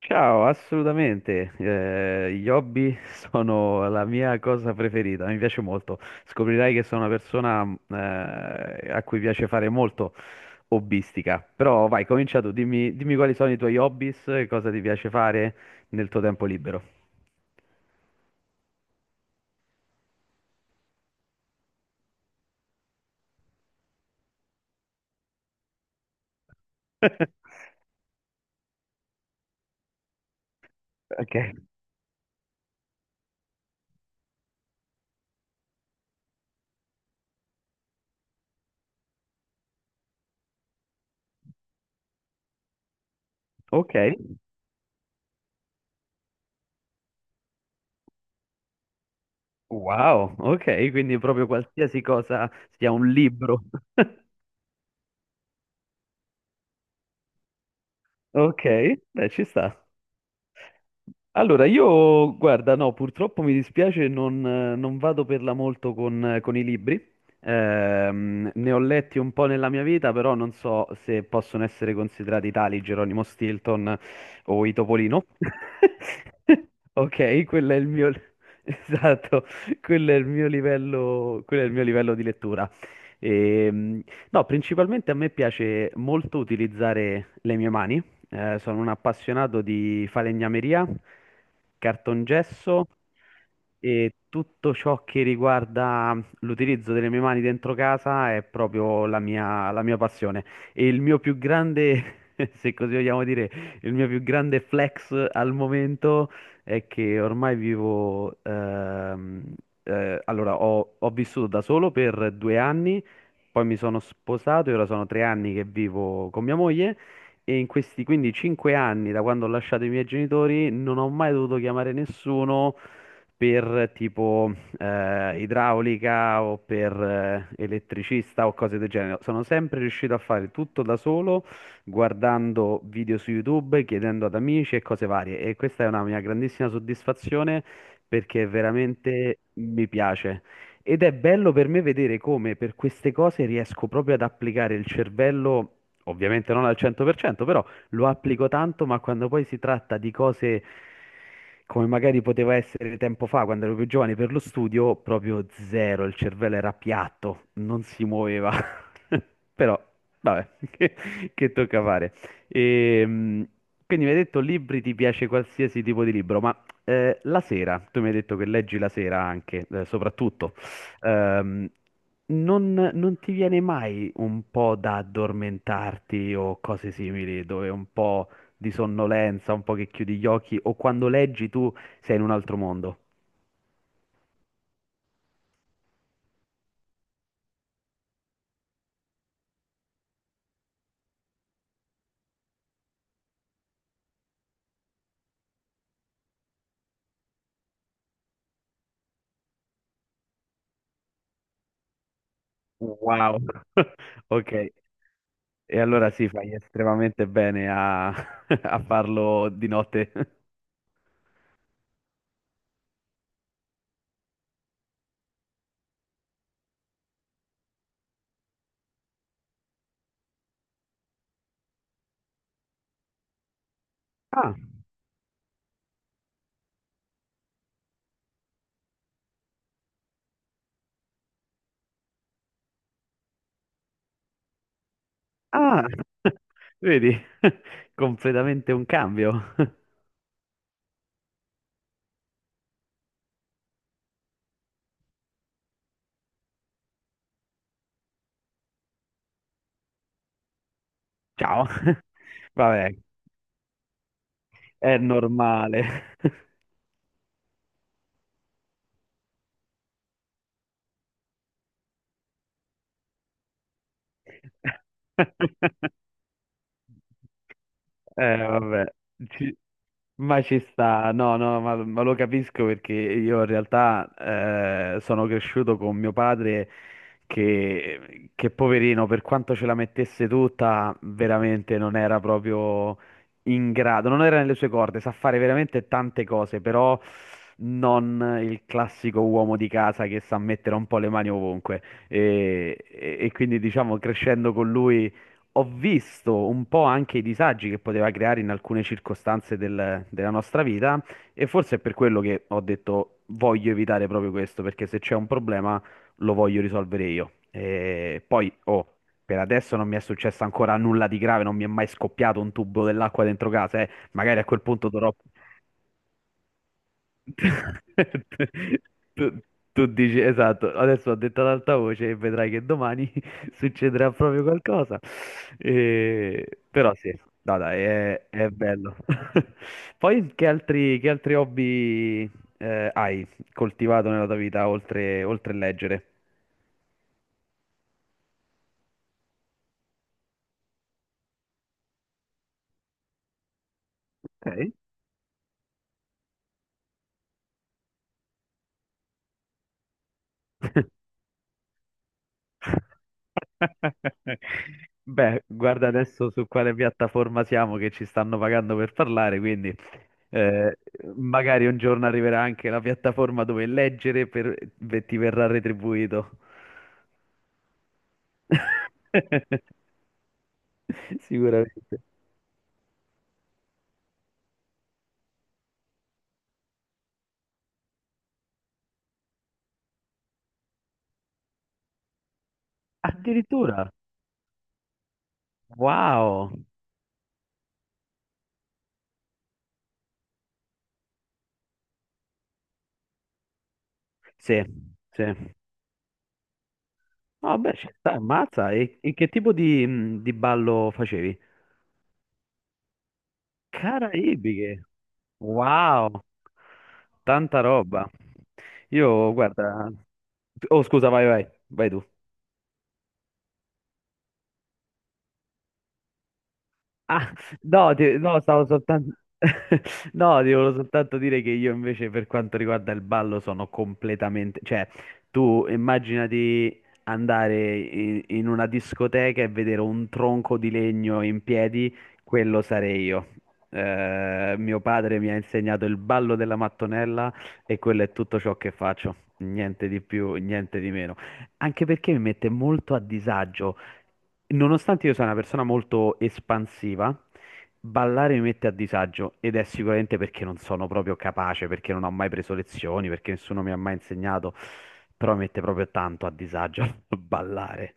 Ciao, assolutamente. Gli hobby sono la mia cosa preferita, mi piace molto. Scoprirai che sono una persona a cui piace fare molto hobbistica. Però vai, comincia tu, dimmi quali sono i tuoi hobbies, e cosa ti piace fare nel tuo tempo libero. Ok. Ok, wow, ok, quindi proprio qualsiasi cosa sia un libro. Ok, beh, ci sta. Allora, io, guarda, no, purtroppo mi dispiace, non vado per la molto con i libri. Ne ho letti un po' nella mia vita, però non so se possono essere considerati tali Geronimo Stilton o i Topolino. Ok, quello è il mio... Esatto, quello è il mio livello, quello è il mio livello di lettura. Ehm, no, principalmente a me piace molto utilizzare le mie mani. Sono un appassionato di falegnameria, cartongesso e tutto ciò che riguarda l'utilizzo delle mie mani dentro casa è proprio la mia passione. E il mio più grande, se così vogliamo dire, il mio più grande flex al momento è che ormai ho vissuto da solo per 2 anni, poi mi sono sposato e ora sono 3 anni che vivo con mia moglie. E in questi quindi 5 anni, da quando ho lasciato i miei genitori, non ho mai dovuto chiamare nessuno per tipo idraulica o per elettricista o cose del genere. Sono sempre riuscito a fare tutto da solo, guardando video su YouTube, chiedendo ad amici e cose varie. E questa è una mia grandissima soddisfazione perché veramente mi piace. Ed è bello per me vedere come per queste cose riesco proprio ad applicare il cervello ovviamente non al 100%, però lo applico tanto, ma quando poi si tratta di cose come magari poteva essere tempo fa, quando ero più giovane, per lo studio, proprio zero, il cervello era piatto, non si muoveva. Però, vabbè, che tocca fare. Ehm, quindi mi hai detto libri, ti piace qualsiasi tipo di libro, ma la sera, tu mi hai detto che leggi la sera anche, soprattutto ehm, non ti viene mai un po' da addormentarti o cose simili, dove un po' di sonnolenza, un po' che chiudi gli occhi, o quando leggi tu sei in un altro mondo? Wow, ok. E allora sì, fai estremamente bene a, a farlo di notte. Ah, ah, vedi, completamente un cambio. Ciao. Vabbè, è normale. Vabbè, ci- ma ci sta, no, no, ma lo capisco perché io in realtà sono cresciuto con mio padre che poverino, per quanto ce la mettesse tutta, veramente non era proprio in grado, non era nelle sue corde, sa fare veramente tante cose, però non il classico uomo di casa che sa mettere un po' le mani ovunque. E quindi diciamo crescendo con lui ho visto un po' anche i disagi che poteva creare in alcune circostanze della nostra vita e forse è per quello che ho detto voglio evitare proprio questo, perché se c'è un problema lo voglio risolvere io. E poi, oh, per adesso non mi è successo ancora nulla di grave, non mi è mai scoppiato un tubo dell'acqua dentro casa, eh. Magari a quel punto dovrò. Tu, tu dici, esatto, adesso ho detto ad alta voce e vedrai che domani succederà proprio qualcosa. Però sì, no, dai, è bello. Poi che altri hobby hai coltivato nella tua vita oltre leggere? Ok. Beh, guarda adesso su quale piattaforma siamo che ci stanno pagando per parlare, quindi eh, magari un giorno arriverà anche la piattaforma dove leggere ti verrà retribuito. Sicuramente. Addirittura, wow. Sì, sì. Vabbè, ci sta, ammazza. E che tipo di ballo facevi? Caraibiche. Wow, tanta roba. Io, guarda... Oh, scusa, vai, vai, vai tu. Ah, no, no, stavo soltanto... No, ti volevo soltanto dire che io invece per quanto riguarda il ballo sono completamente... Cioè, tu immaginati andare in una discoteca e vedere un tronco di legno in piedi, quello sarei io. Mio padre mi ha insegnato il ballo della mattonella e quello è tutto ciò che faccio. Niente di più, niente di meno. Anche perché mi mette molto a disagio. Nonostante io sia una persona molto espansiva, ballare mi mette a disagio ed è sicuramente perché non sono proprio capace, perché non ho mai preso lezioni, perché nessuno mi ha mai insegnato, però mi mette proprio tanto a disagio ballare.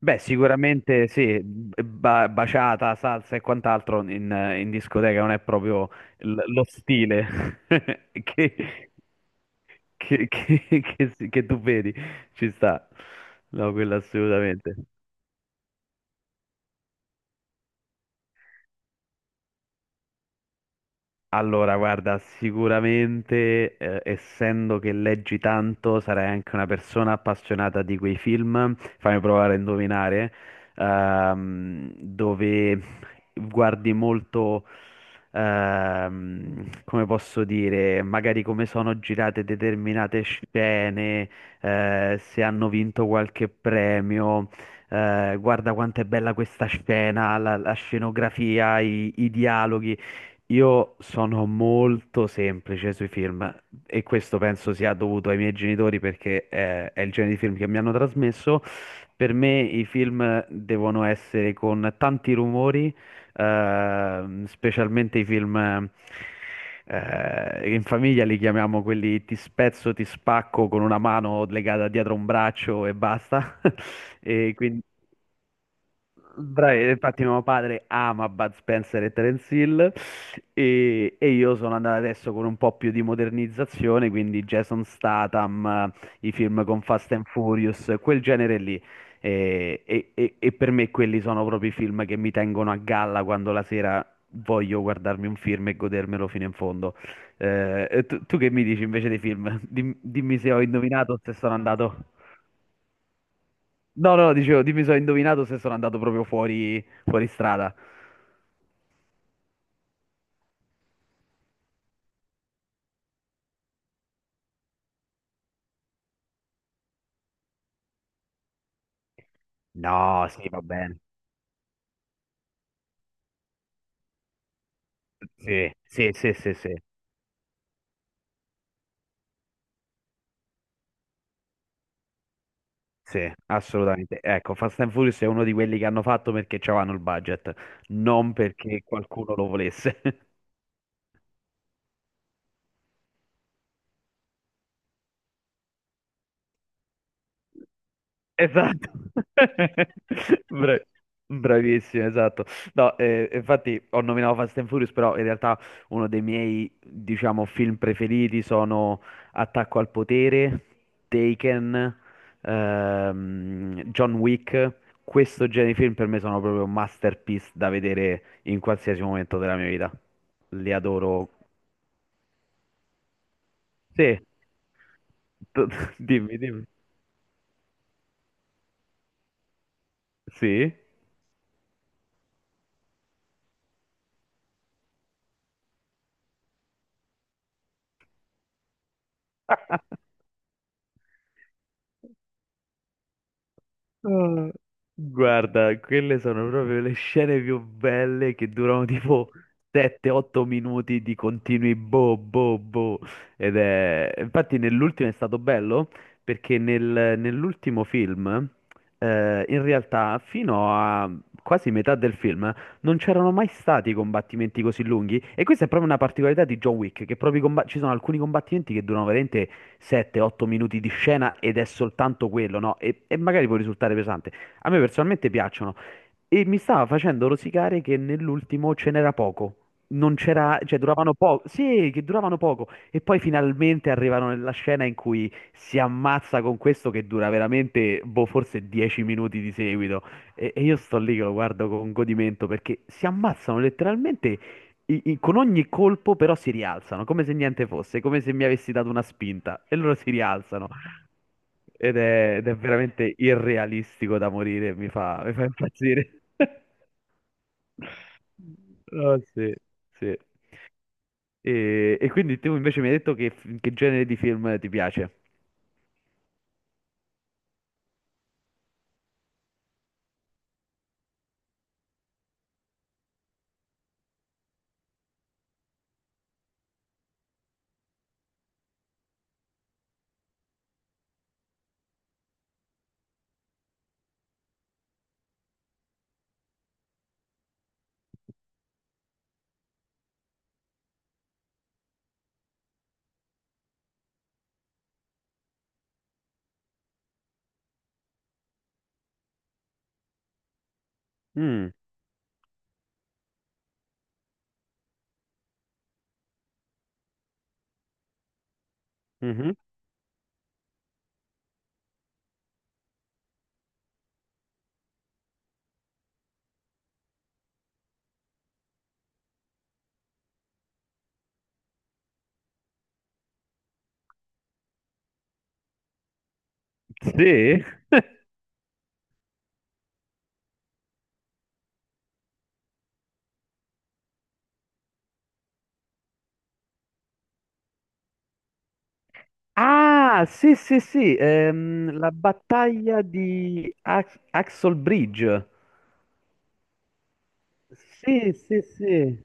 Beh, sicuramente sì, baciata, salsa e quant'altro in, discoteca non è proprio lo stile che, che tu vedi, ci sta. No, quello assolutamente. Allora, guarda, sicuramente, essendo che leggi tanto, sarai anche una persona appassionata di quei film, fammi provare a indovinare, dove guardi molto, come posso dire, magari come sono girate determinate scene, se hanno vinto qualche premio. Guarda quanto è bella questa scena, la scenografia, i dialoghi. Io sono molto semplice sui film e questo penso sia dovuto ai miei genitori perché è il genere di film che mi hanno trasmesso. Per me i film devono essere con tanti rumori, specialmente i film in famiglia li chiamiamo quelli ti spezzo, ti spacco con una mano legata dietro un braccio e basta. E quindi Bravi, infatti mio padre ama Bud Spencer e Terence Hill e io sono andato adesso con un po' più di modernizzazione, quindi Jason Statham, i film con Fast and Furious, quel genere lì. E per me quelli sono proprio i film che mi tengono a galla quando la sera voglio guardarmi un film e godermelo fino in fondo. Tu che mi dici invece dei film? Dimmi se ho indovinato o se sono andato. No, no, dicevo, dimmi se ho indovinato se sono andato proprio fuori, fuori strada. No, sì, va bene. Sì, sì, sì, sì, sì, sì, assolutamente. Ecco, Fast and Furious è uno di quelli che hanno fatto perché c'avevano il budget, non perché qualcuno lo volesse. Esatto. Bra- Bravissimo, esatto. No, infatti ho nominato Fast and Furious, però in realtà uno dei miei, diciamo, film preferiti sono Attacco al potere, Taken, John Wick. Questo genere di film per me sono proprio masterpiece da vedere in qualsiasi momento della mia vita. Li adoro. Sì, dimmi. Sì. Ah, guarda, quelle sono proprio le scene più belle che durano tipo 7-8 minuti di continui boh boh boh. Infatti nell'ultimo è stato bello perché nell'ultimo film, in realtà fino a quasi metà del film non c'erano mai stati combattimenti così lunghi. E questa è proprio una particolarità di John Wick, che proprio ci sono alcuni combattimenti che durano veramente 7-8 minuti di scena ed è soltanto quello, no? E magari può risultare pesante. A me personalmente piacciono. E mi stava facendo rosicare che nell'ultimo ce n'era poco. Non c'era, cioè duravano poco, sì, che duravano poco. E poi finalmente arrivano nella scena in cui si ammazza con questo che dura veramente, boh, forse 10 minuti di seguito. E io sto lì che lo guardo con godimento perché si ammazzano letteralmente con ogni colpo però si rialzano, come se niente fosse, come se mi avessi dato una spinta e loro si rialzano ed è veramente irrealistico da morire, mi fa impazzire. Oh, sì, sì. E quindi tu invece mi hai detto che, genere di film ti piace? Mm, mhm. Sì? Ah, sì, sì, sì, la battaglia di Axel Bridge. Sì, sì, sì.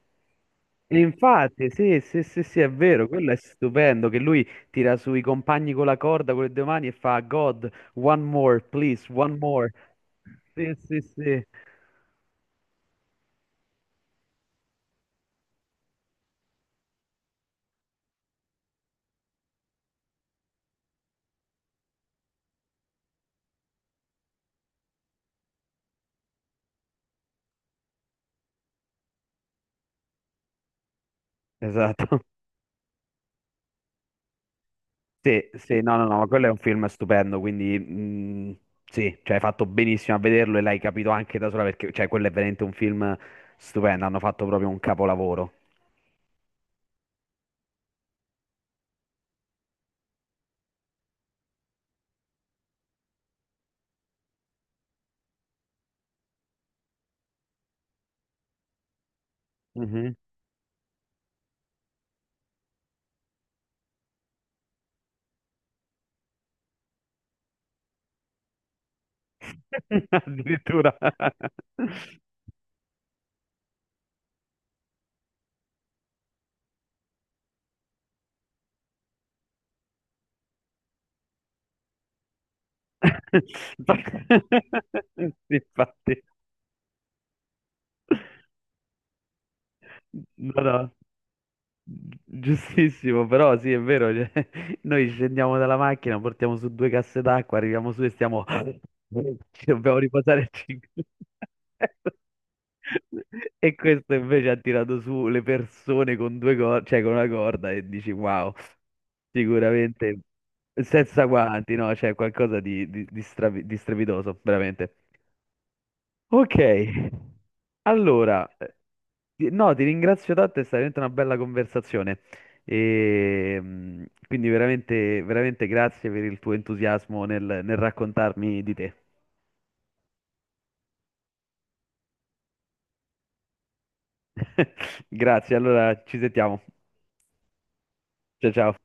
E infatti, sì, sì, sì, sì, è vero, quello è stupendo che lui tira sui compagni con la corda con le due mani e fa God, one more, please, one more. Sì, sì, sì. Esatto. Sì, sì, no, no, no, ma quello è un film stupendo, quindi sì, cioè hai fatto benissimo a vederlo e l'hai capito anche da sola perché cioè, quello è veramente un film stupendo, hanno fatto proprio un capolavoro. Mhm. Addirittura. Sì, infatti, no, no, giustissimo, però sì, è vero, cioè, noi scendiamo dalla macchina, portiamo su due casse d'acqua, arriviamo su e stiamo... Ci dobbiamo riposare cinque. E questo invece ha tirato su le persone con due corde, cioè con una corda e dici wow, sicuramente senza guanti, no? C'è qualcosa di strepitoso, veramente. Ok, allora, no, ti ringrazio tanto, è stata veramente una bella conversazione. E, quindi veramente, veramente grazie per il tuo entusiasmo nel raccontarmi di te. Grazie, allora ci sentiamo. Ciao ciao.